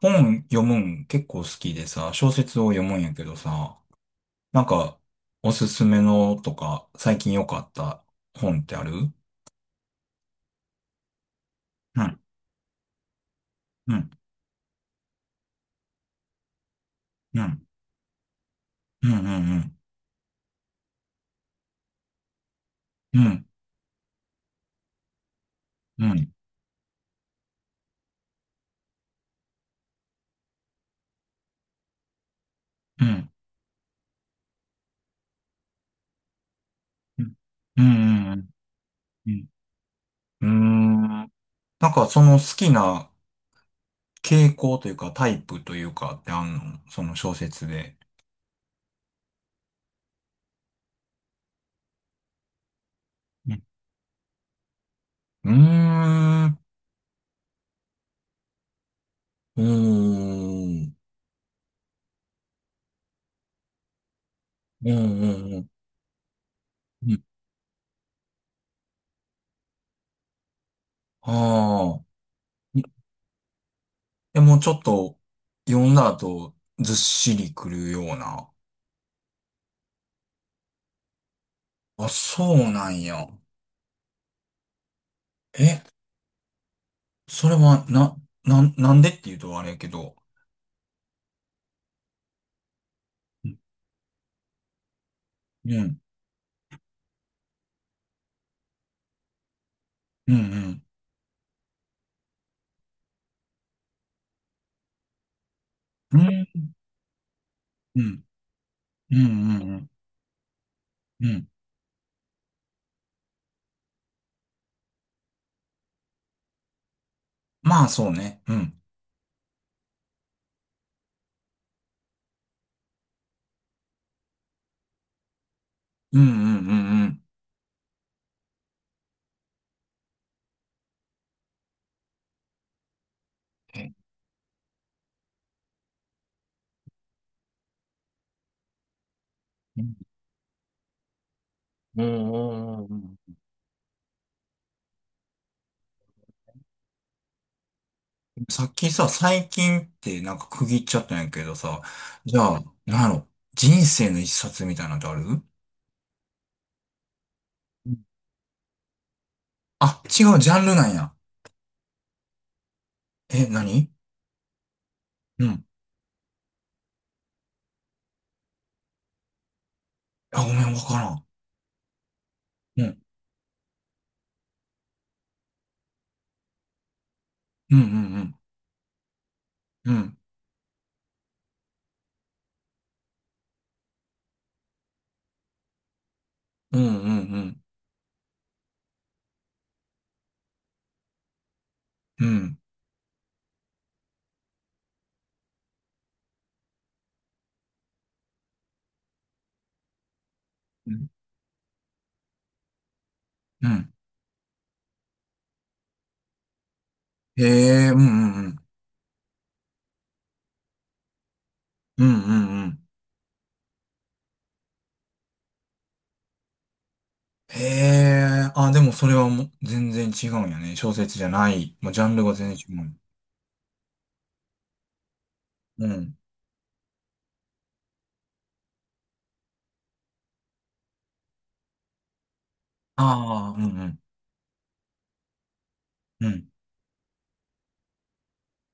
本読むん結構好きでさ、小説を読むんやけどさ、なんか、おすすめのとか、最近良かった本ってある？うん、うん、うん、うん、うん、うん、うん、うん、うん、うん、うん、うん、うん。うーん、なんかその好きな傾向というか、タイプというかってあんの、その小説で。うん。うーん。おーん。うん、うん、うん、うん。ああ。や、もうちょっと読んだ後、ずっしりくるような。あ、そうなんや。え、それは、なんでっていうとあれやけど。うん。うん、うん、うん、うん、うん、うん、うん、うん。まあ、そうね。うん、うん、うん、うん、うん。えうん、うん、うん、うん。さっきさ、最近ってなんか区切っちゃったんやけどさ、じゃあ、なんやろ、人生の一冊みたいなのってある？うん。あ、違う、ジャンルなんや。え、何？うん。あ、ごめん、わからん。うん。うん、うん、うん。うん、うん、うん、うん。うん、うん。へえ、うん、うん、うん。うん、うん、うん。へえ、あ、でもそれはもう全然違うんやね。小説じゃない。もうジャンルが全然違う。うん。ああ、うん、うん、うん、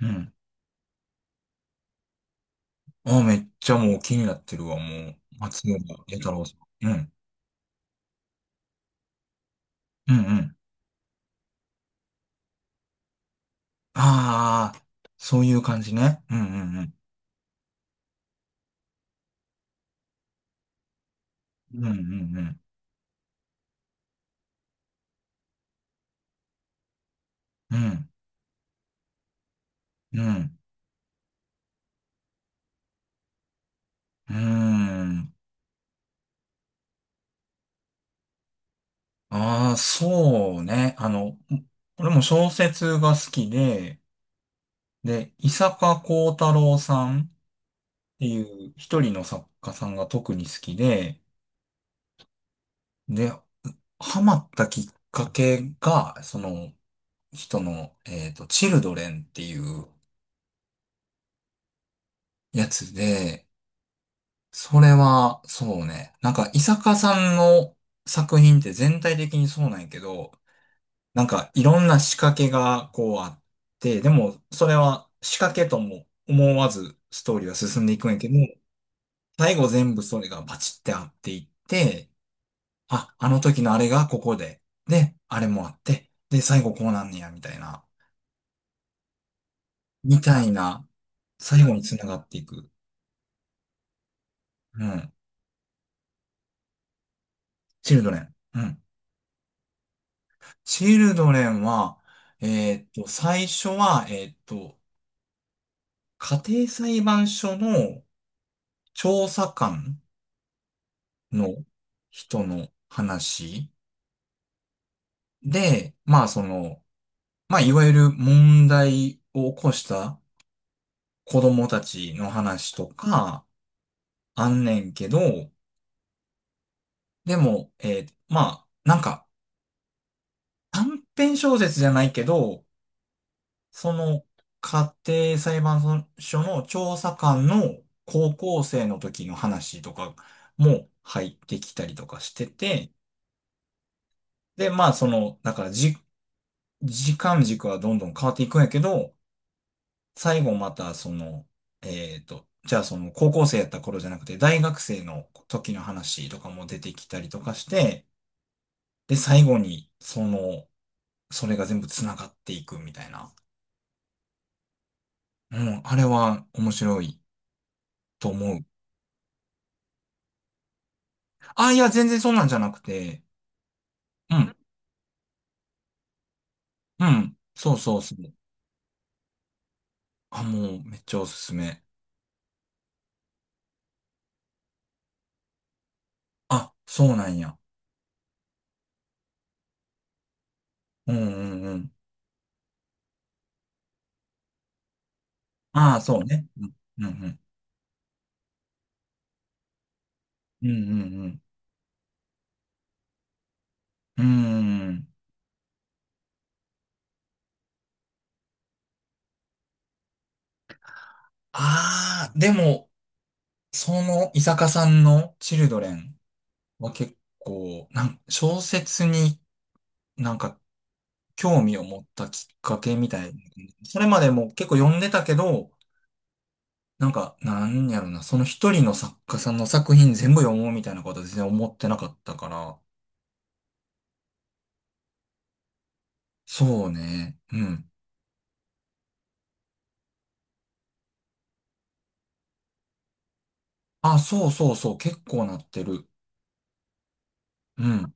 うん。ああ、めっちゃもう気になってるわ、もう。松岡弥太郎さん。うん、うん、うん。ああ、そういう感じね。うん、うん、うん。うん、うん、うん。うん、うん。うん。ああ、そうね。あの、俺も小説が好きで、で、伊坂幸太郎さんっていう一人の作家さんが特に好きで、で、ハマったきっかけが、その人の、チルドレンっていうやつで、それは、そうね。なんか、伊坂さんの作品って全体的にそうなんやけど、なんかいろんな仕掛けがこうあって、でもそれは仕掛けとも思わずストーリーは進んでいくんやけど、最後全部それがバチってあっていって、あ、あの時のあれがここで、で、あれもあって、で、最後こうなんねや、みたいな、最後につながっていく。うん。チルドレン。うん。チルドレンは、え最初は、家庭裁判所の調査官の人の話で、まあその、まあいわゆる問題を起こした子供たちの話とか、あんねんけど、でも、まあ、なんか短編小説じゃないけど、その家庭裁判所の調査官の高校生の時の話とかも入ってきたりとかしてて、で、まあその、だからじ、時間軸はどんどん変わっていくんやけど、最後また、その、じゃあその高校生やった頃じゃなくて、大学生の時の話とかも出てきたりとかして、で、最後に、その、それが全部繋がっていくみたいな。うん、あれは面白いと思う。あ、いや、全然そんなんじゃなくて、うん、うん、そうそうそう。あ、もうめっちゃおすすめ。あ、そうなんや。うん、うん、うん。ああ、そうね。うん、うん、うん。うん、うん、うん。うーん。ああ、でも、その伊坂さんのチルドレンは結構、小説に、なんか興味を持ったきっかけみたいな。それまでも結構読んでたけど、なんか、なんやろな、その一人の作家さんの作品全部読もうみたいなことは全然思ってなかったから。そうね。うん。あ、そうそうそう、結構なってる。うん。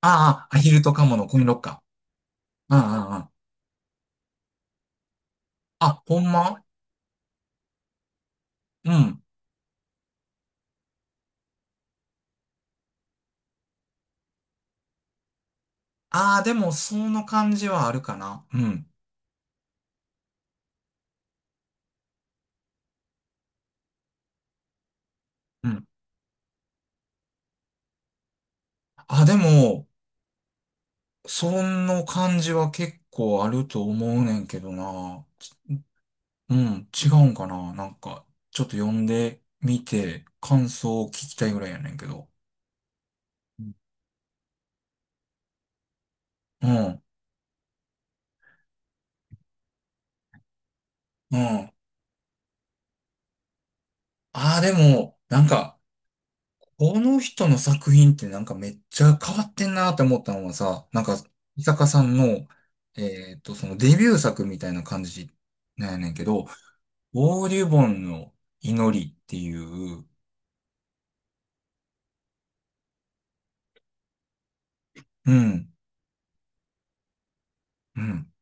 ああ、アヒルとカモのコインロッカー。うん、うん、うん。あ、ほんま。うん。ああ、でもその感じはあるかな。うん。うん。あ、でも、その感じは結構あると思うねんけどな。うん、違うんかな。なんか、ちょっと読んでみて、感想を聞きたいぐらいやねんけど。うん、うん。ああ、でも、なんか、この人の作品ってなんかめっちゃ変わってんなって思ったのはさ、なんか、伊坂さんの、そのデビュー作みたいな感じなんやねんけど、オーデュボンの祈りっていう、うん。うん。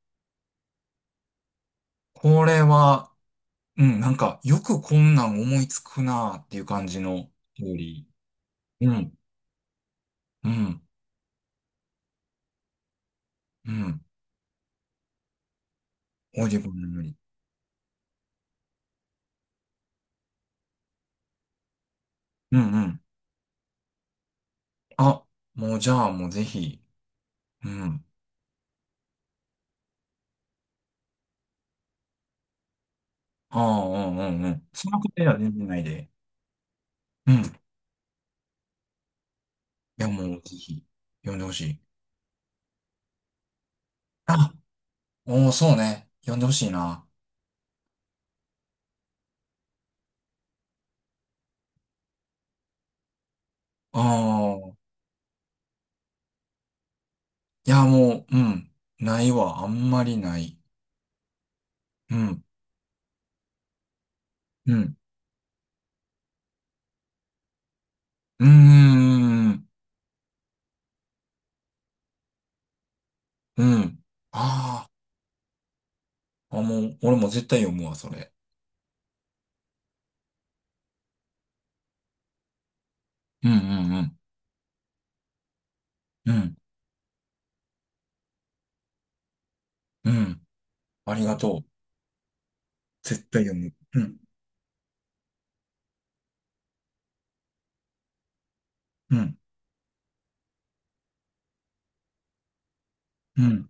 これは、うん、なんか、よくこんなん思いつくなーっていう感じの料理。うん、うん、うん。オーディブルの料理。うん、うん。あ、もうじゃあもうぜひ。うん。ああ、うん、うん、うん。そのくらいは全然ないで。うん。いや、もうぜひ、呼んでほしい。あ、おー、そうね。呼んでほしいな。ああ、いや、もう、うん。ないわ。あんまりない。うん、うん。うーん、うん。ああ。あ、もう、俺も絶対読むわ、それ。うん、うん、うん。うん、うん。ありがとう。絶対読む。うん、うん、うん。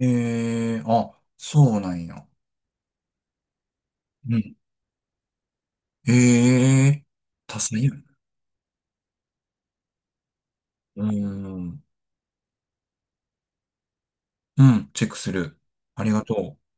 えー、あ、そうなんや。うん。ええー、多彩やな。うーん。うん、チェックする。ありがとう。